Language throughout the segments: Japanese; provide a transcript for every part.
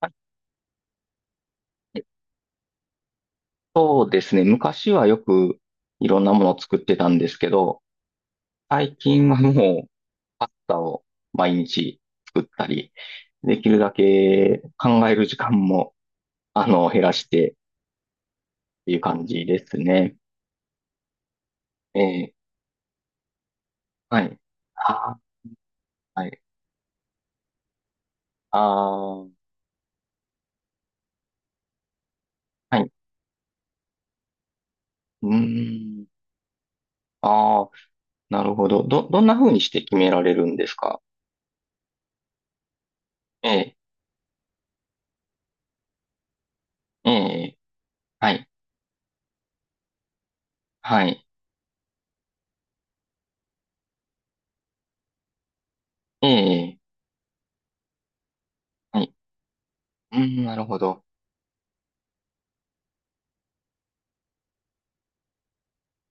はい、そうですね。昔はよくいろんなものを作ってたんですけど、最近はもうパスタを毎日作ったり、できるだけ考える時間も、減らしてっていう感じですね。ええ、はい。あー、はい。あー、はい。うーん。ああ、なるほど。どんな風にして決められるんですか？ええ、ええ、はい、はい、ええ、はい。うーん、なるほど。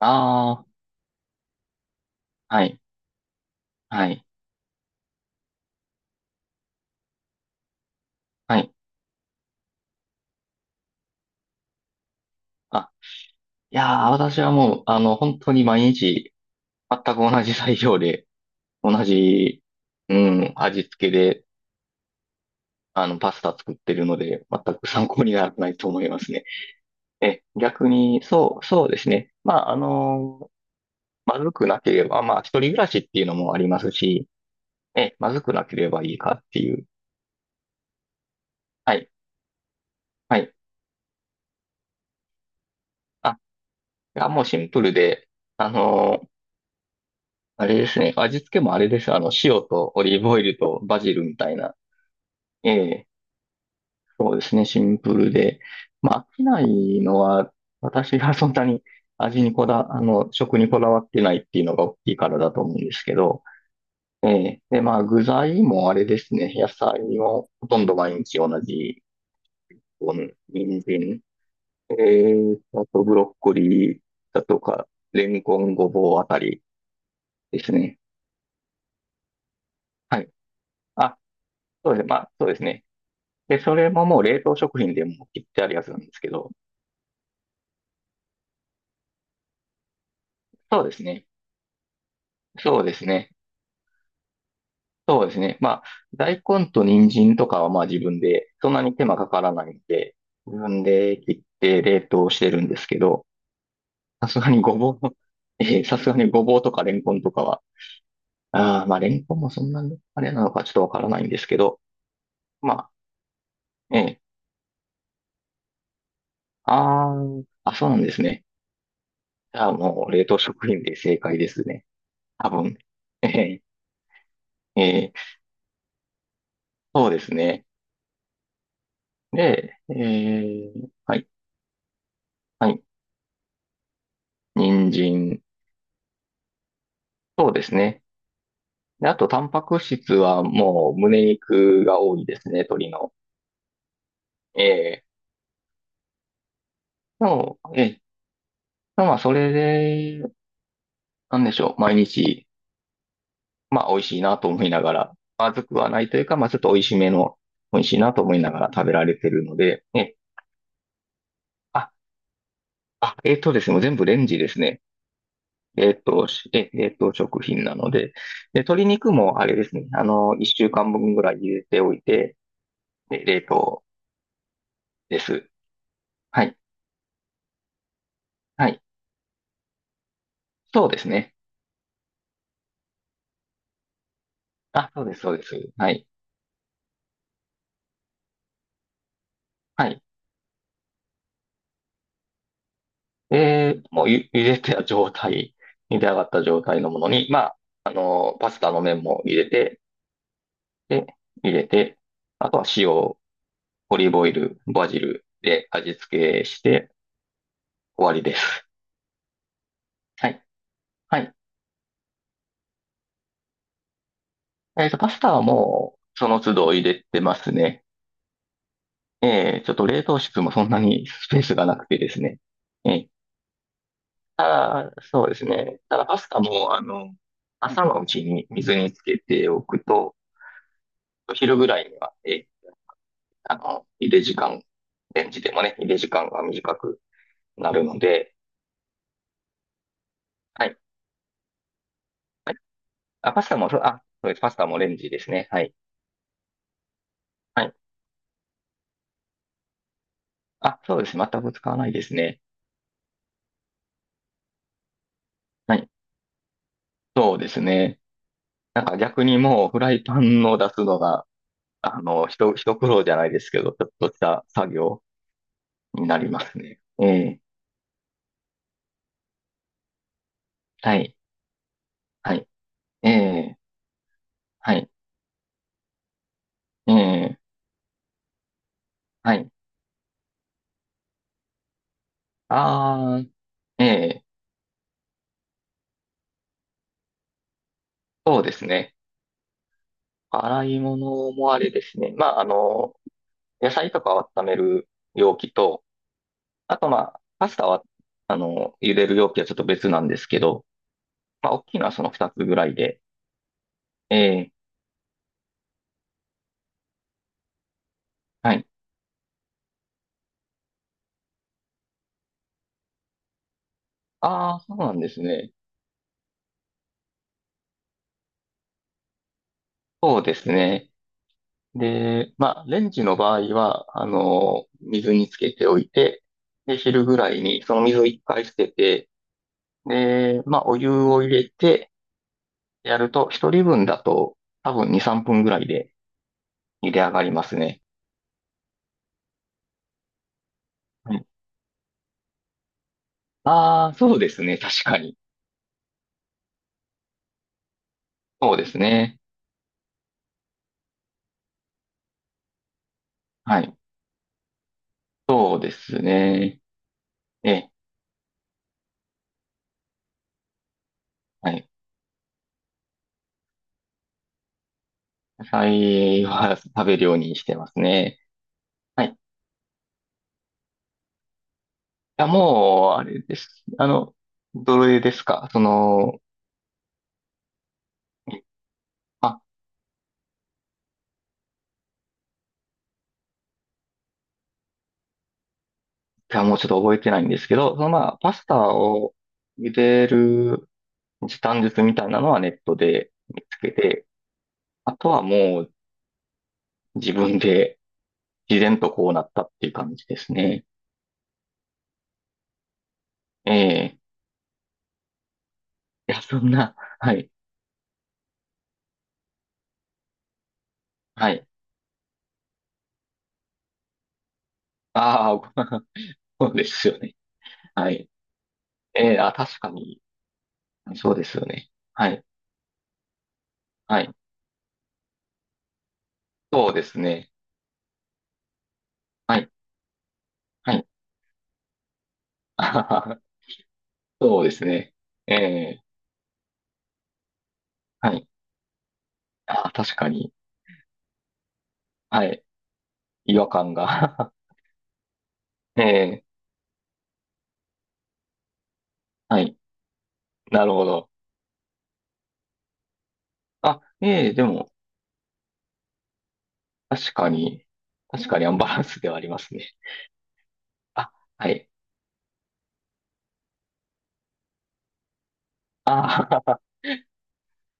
ああ、はい。はい。はい。あ、いやー、私はもう、あの、本当に毎日、全く同じ材料で、同じ、うん、味付けで、あの、パスタ作ってるので、全く参考にならないと思いますね。え、逆に、そうですね。まあ、あの、まずくなければ、まあ、一人暮らしっていうのもありますし、え、まずくなければいいかっていう。はい。はい。あ、いや、もうシンプルで、あのあれですね。味付けもあれです。あの、塩とオリーブオイルとバジルみたいな。ええ、そうですね。シンプルで。まあ、飽きないのは、私がそんなに味にこだ、あの、食にこだわってないっていうのが大きいからだと思うんですけど。ええ、で、まあ、具材もあれですね。野菜もほとんど毎日同じ。こう人参、ええ、あとブロッコリーだとか、レンコン、ごぼうあたりですね。はい。あ、そうですね。まあ、そうですね。で、それももう冷凍食品でも切ってあるやつなんですけど、そうですね。そうですね。そうですね。まあ、大根と人参とかはまあ自分で、そんなに手間かからないんで、自分で切って冷凍してるんですけど、さすがにごぼう、えーさすがにごぼうとかレンコンとかは、ああ、まあレンコンもそんなにあれなのかちょっとわからないんですけど、まあ、ええ、あーあ、そうなんですね。じゃあもう冷凍食品で正解ですね。多分。ええ、ええ、そうですね。で、えー、はい、はい、人参、そうですね。で、あと、タンパク質はもう、胸肉が多いですね、鶏の。ええ、でも、ええ、まあ、それで、なんでしょう、毎日、まあ、美味しいなと思いながら、まずくはないというか、まあ、ちょっと美味しめの、美味しいなと思いながら食べられてるので、ええ。あ、あ、えっとですね、もう全部レンジですね。えっと、しえ、えっと、食品なので、で、鶏肉もあれですね、あの、一週間分ぐらい入れておいて、で冷凍です。はい。はい。そうですね。あ、そうです、そうです。はい。はい。で、もうゆ、茹でた状態、茹で上がった状態のものに、まあ、あの、パスタの麺も入れて、で、入れて、あとは塩、オリーブオイル、バジルで味付けして終わりです。はい。はい。えっと、パスタはもう、その都度入れてますね。ええ、ちょっと冷凍室もそんなにスペースがなくてですね。ええ、ああ、そうですね。ただパスタも、あの、朝のうちに水につけておくと、お昼ぐらいには、え、あの、茹で時間、レンジでもね、茹で時間が短くなるので、はい。はい、あ、パスタも、そうです。パスタもレンジですね。はい。はい。あ、そうです。全く使わないですね。はい。そうですね。なんか逆にもうフライパンを出すのが、あの、ひと苦労じゃないですけど、ちょっとした作業になりますね。ええ。はい。はい。ええ。はい。ええ、はい。ああ、ええ、そうですね。洗い物もあれですね。まあ、あの、野菜とかを温める容器と、あとまあ、パスタは、あの、茹でる容器はちょっと別なんですけど、まあ、大きいのはその二つぐらいで。ええ、はい。ああ、そうなんですね。そうですね。で、まあ、レンジの場合は、あの、水につけておいて、で、昼ぐらいにその水を一回捨てて、で、まあ、お湯を入れて、やると、一人分だと多分2、3分ぐらいで茹で上がりますね。はい。ああ、そうですね。確かに。そうですね。はい。そうですね。ええ、はい。野菜は食べるようにしてますね。はい。いや、もう、あれです。あの、どれですかその、あ、じゃあもうちょっと覚えてないんですけど、そのまあ、パスタを茹でる時短術みたいなのはネットで見つけて、あとはもう自分で自然とこうなったっていう感じですね。ええ、いや、そんな、はい、はい。ああ、そうですよね。はい。ええ、あ、確かに、そうですよね。はい、はい。そうですね。はい、はい。あはは、そうですね。ええ、はい。あ、確かに、はい。違和感が。ええ、はい。なるほど。あ、ええ、でも、確かに、確かにアンバランスではありますね。あ、はい。ああ、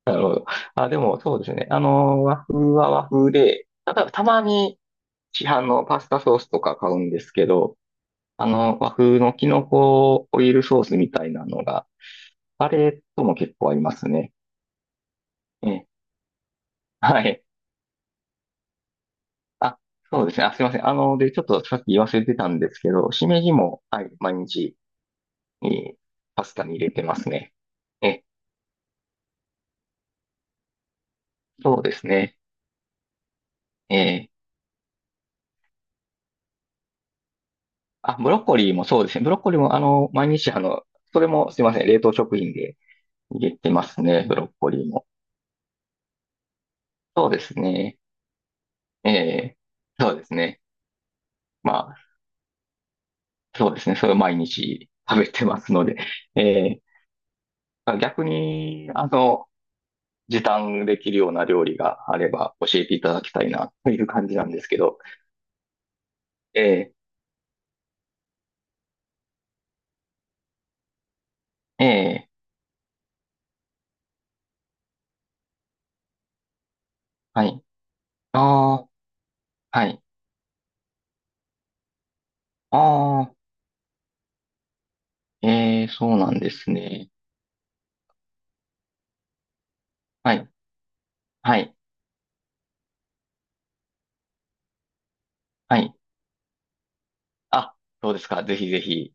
なるほど。あ、でも、そうですね。あの、和風は和風で、ただ、たまに市販のパスタソースとか買うんですけど、あの、和風のキノコオイルソースみたいなのが、あれとも結構ありますね。ええ、はい。あ、そうですね。あ、すいません。あの、で、ちょっとさっき言わせてたんですけど、しめじも、はい、毎日、えーパスタに入れてますね。え、そうですね。えーあ、ブロッコリーもそうですね。ブロッコリーも、あの、毎日、あの、それもすいません。冷凍食品で、入れてますね、ブロッコリーも。そうですね。ええ、そうですね。まあ、そうですね。それを毎日食べてますので。ええ、まあ逆に、あの、時短できるような料理があれば教えていただきたいな、という感じなんですけど。ええ、ええ、はい。ああ、はい。ああ、ええ、そうなんですね。はい、はい、はい。あ、そうですか。ぜひぜひ。